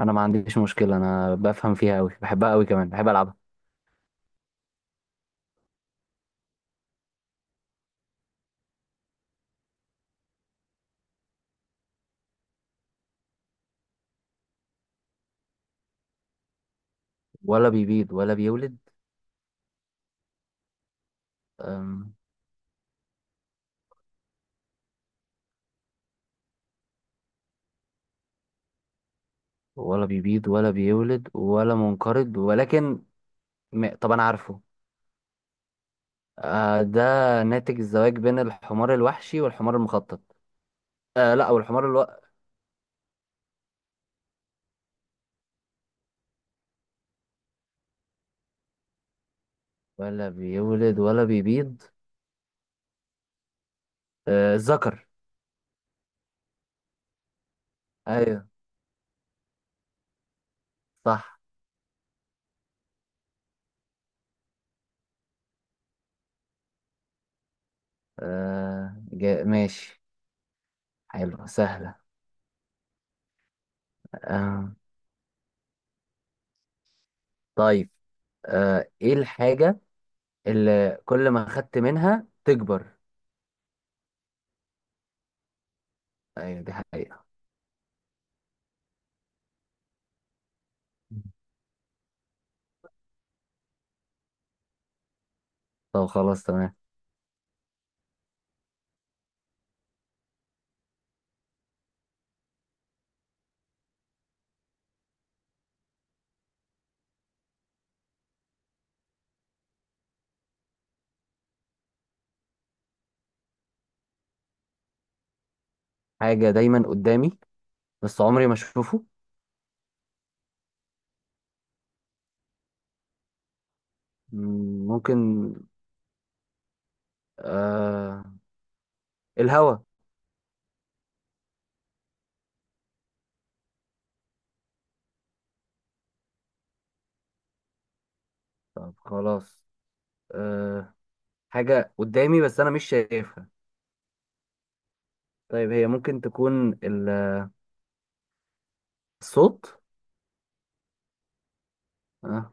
انا ما عنديش مشكله. انا بفهم فيها قوي، بحبها قوي، كمان بحب العبها. ولا بيبيض ولا بيولد. أم. ولا بيبيض ولا بيولد ولا منقرض، ولكن طب انا عارفه. آه، ده ناتج الزواج بين الحمار الوحشي والحمار المخطط. آه لا، ولا بيولد ولا بيبيض. آه، الذكر. ايوه صح. ماشي، حلو، سهله. آه طيب. ايه الحاجه اللي كل ما خدت منها تكبر؟ ايوه، دي حقيقة. طب خلاص، تمام. حاجة دايما قدامي بس عمري ما اشوفه. مم، ممكن. آه... الهوا. طب خلاص. آه... حاجة قدامي بس انا مش شايفها. طيب، هي ممكن تكون الصوت. آه...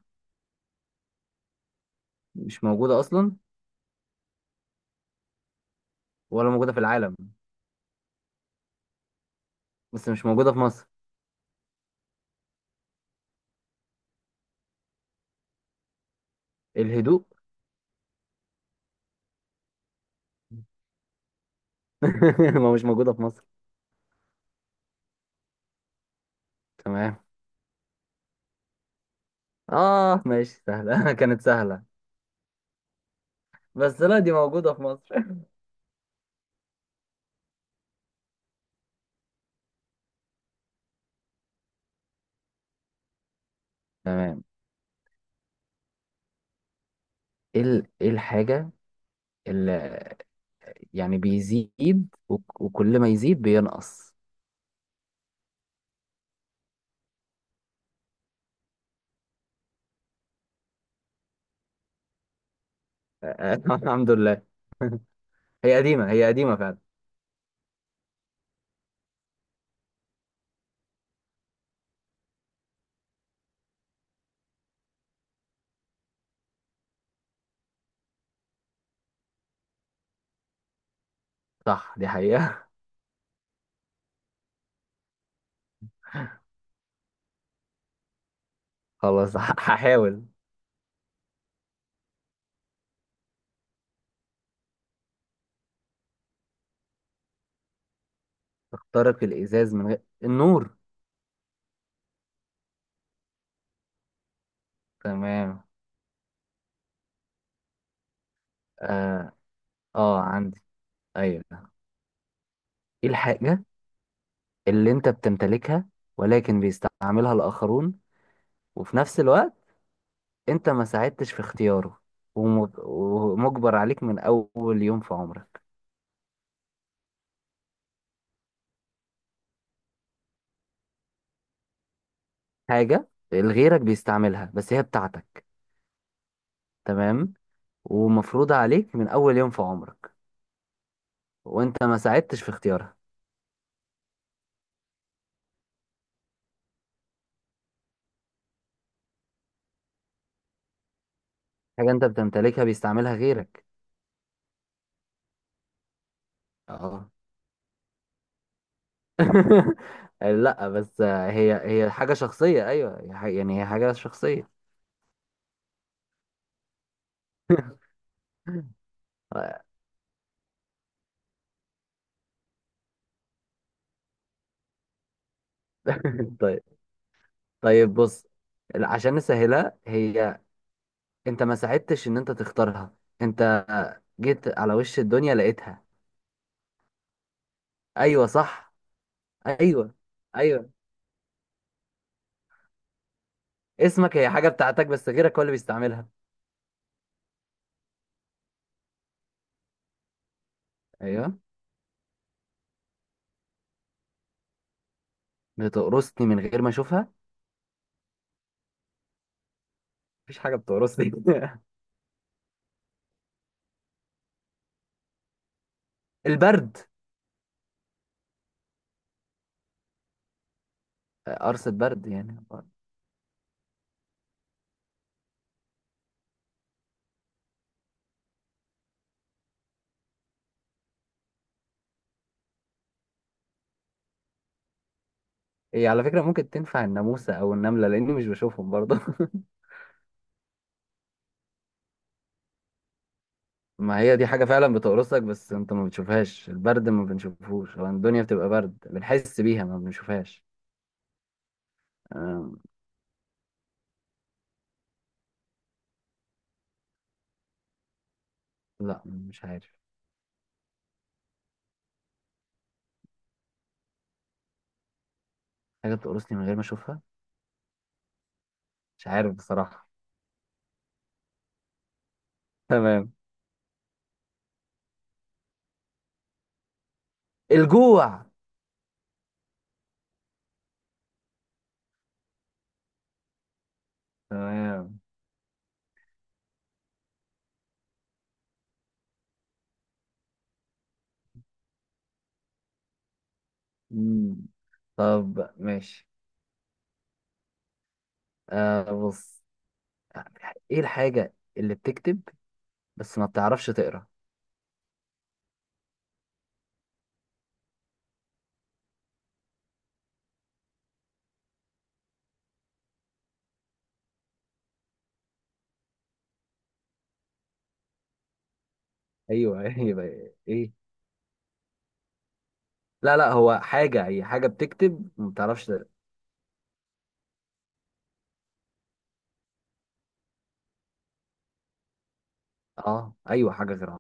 مش موجودة اصلا. ولا موجودة في العالم. بس مش موجودة في مصر. الهدوء. ما مش موجودة في مصر. تمام. اه ماشي، سهلة. كانت سهلة. بس لا، دي موجودة في مصر. تمام. ايه الحاجة، يعني بيزيد وكل ما يزيد بينقص؟ الحمد لله. هي قديمة، هي قديمة فعلا. صح، دي حقيقة. خلاص، هحاول. اخترق الإزاز من غير النور. تمام. اه اه، عندي. ايوه. ايه الحاجة اللي انت بتمتلكها ولكن بيستعملها الآخرون، وفي نفس الوقت انت ما ساعدتش في اختياره، ومجبر عليك من أول يوم في عمرك. حاجة غيرك بيستعملها بس هي بتاعتك. تمام. ومفروضة عليك من أول يوم في عمرك وأنت ما ساعدتش في اختيارها. حاجة أنت بتمتلكها بيستعملها غيرك. اه. لا، بس هي حاجة شخصية، أيوة يعني هي حاجة شخصية. طيب طيب، بص عشان نسهلها هي. أنت ما ساعدتش إن أنت تختارها. أنت جيت على وش الدنيا لقيتها. أيوة صح. أيوة، أيوة، اسمك هي حاجة بتاعتك بس غيرك هو اللي بيستعملها. أيوة، بتقرصني من غير ما أشوفها؟ مفيش حاجة بتقرصني. البرد. قرص البرد يعني. هي على فكرة ممكن تنفع الناموسة أو النملة، لأني مش بشوفهم برضه. ما هي دي حاجة فعلا بتقرصك بس أنت ما بتشوفهاش، البرد ما بنشوفهوش، هو الدنيا بتبقى برد بنحس بيها ما بنشوفهاش. آه لا، مش عارف. حاجة بتقرصني من غير ما أشوفها، مش عارف بصراحة. تمام. الجوع. تمام. مم. طب ماشي. بص، إيه الحاجة اللي بتكتب بس ما بتعرفش تقرأ؟ ايوه، ايوه. ايه؟ لا لا، هو حاجه، هي حاجه بتكتب ما بتعرفش. اه ايوه، حاجه غيرها.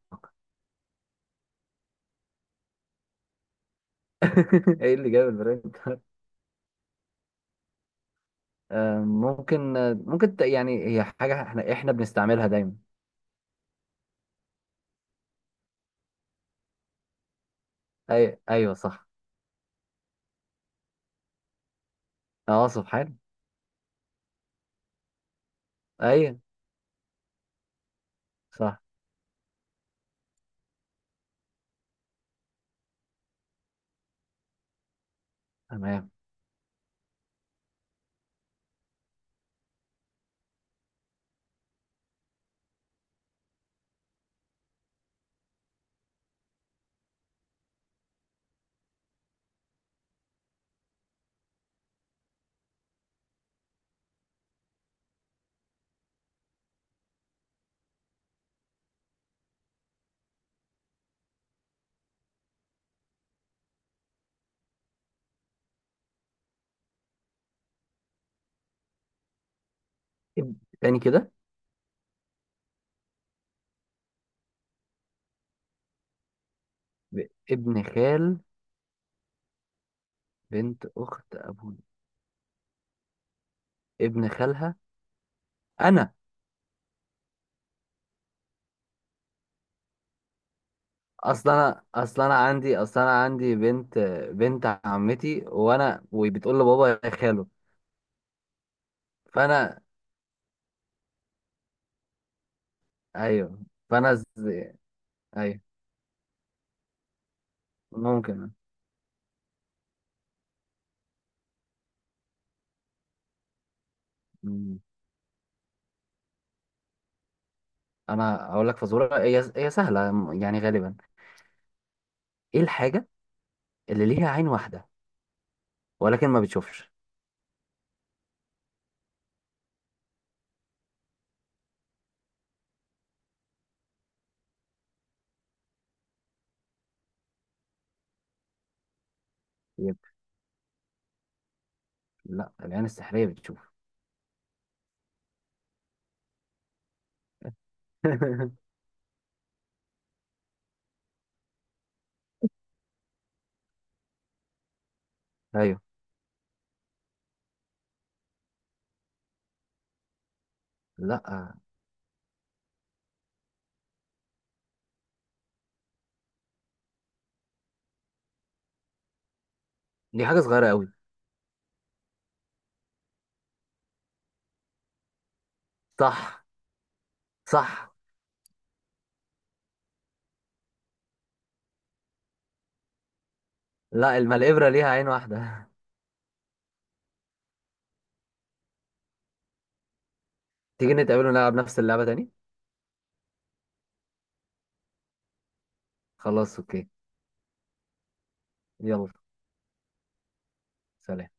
ايه اللي جاب البرنت؟ ممكن، يعني هي حاجه احنا بنستعملها دايما. أي، ايوه صح. اه، سبحان. ايوه صح، تمام. إب... تاني كده. ابن خال بنت اخت ابوي، ابن خالها انا. اصلا انا عندي بنت عمتي، وانا وبتقول لبابا يا خاله. فانا. ايوه. فانا ز... ايوه، ممكن. مم. انا اقول لك فزوره، هي سهله يعني غالبا. ايه الحاجه اللي ليها عين واحده ولكن ما بتشوفش؟ يب. لا، العين السحريه بتشوف. ايوه. لا، دي حاجه صغيره قوي. صح. صح. لا، الابره ليها عين واحده. تيجي نتقابل ونلعب نفس اللعبه تاني. خلاص، اوكي. يلا سلام.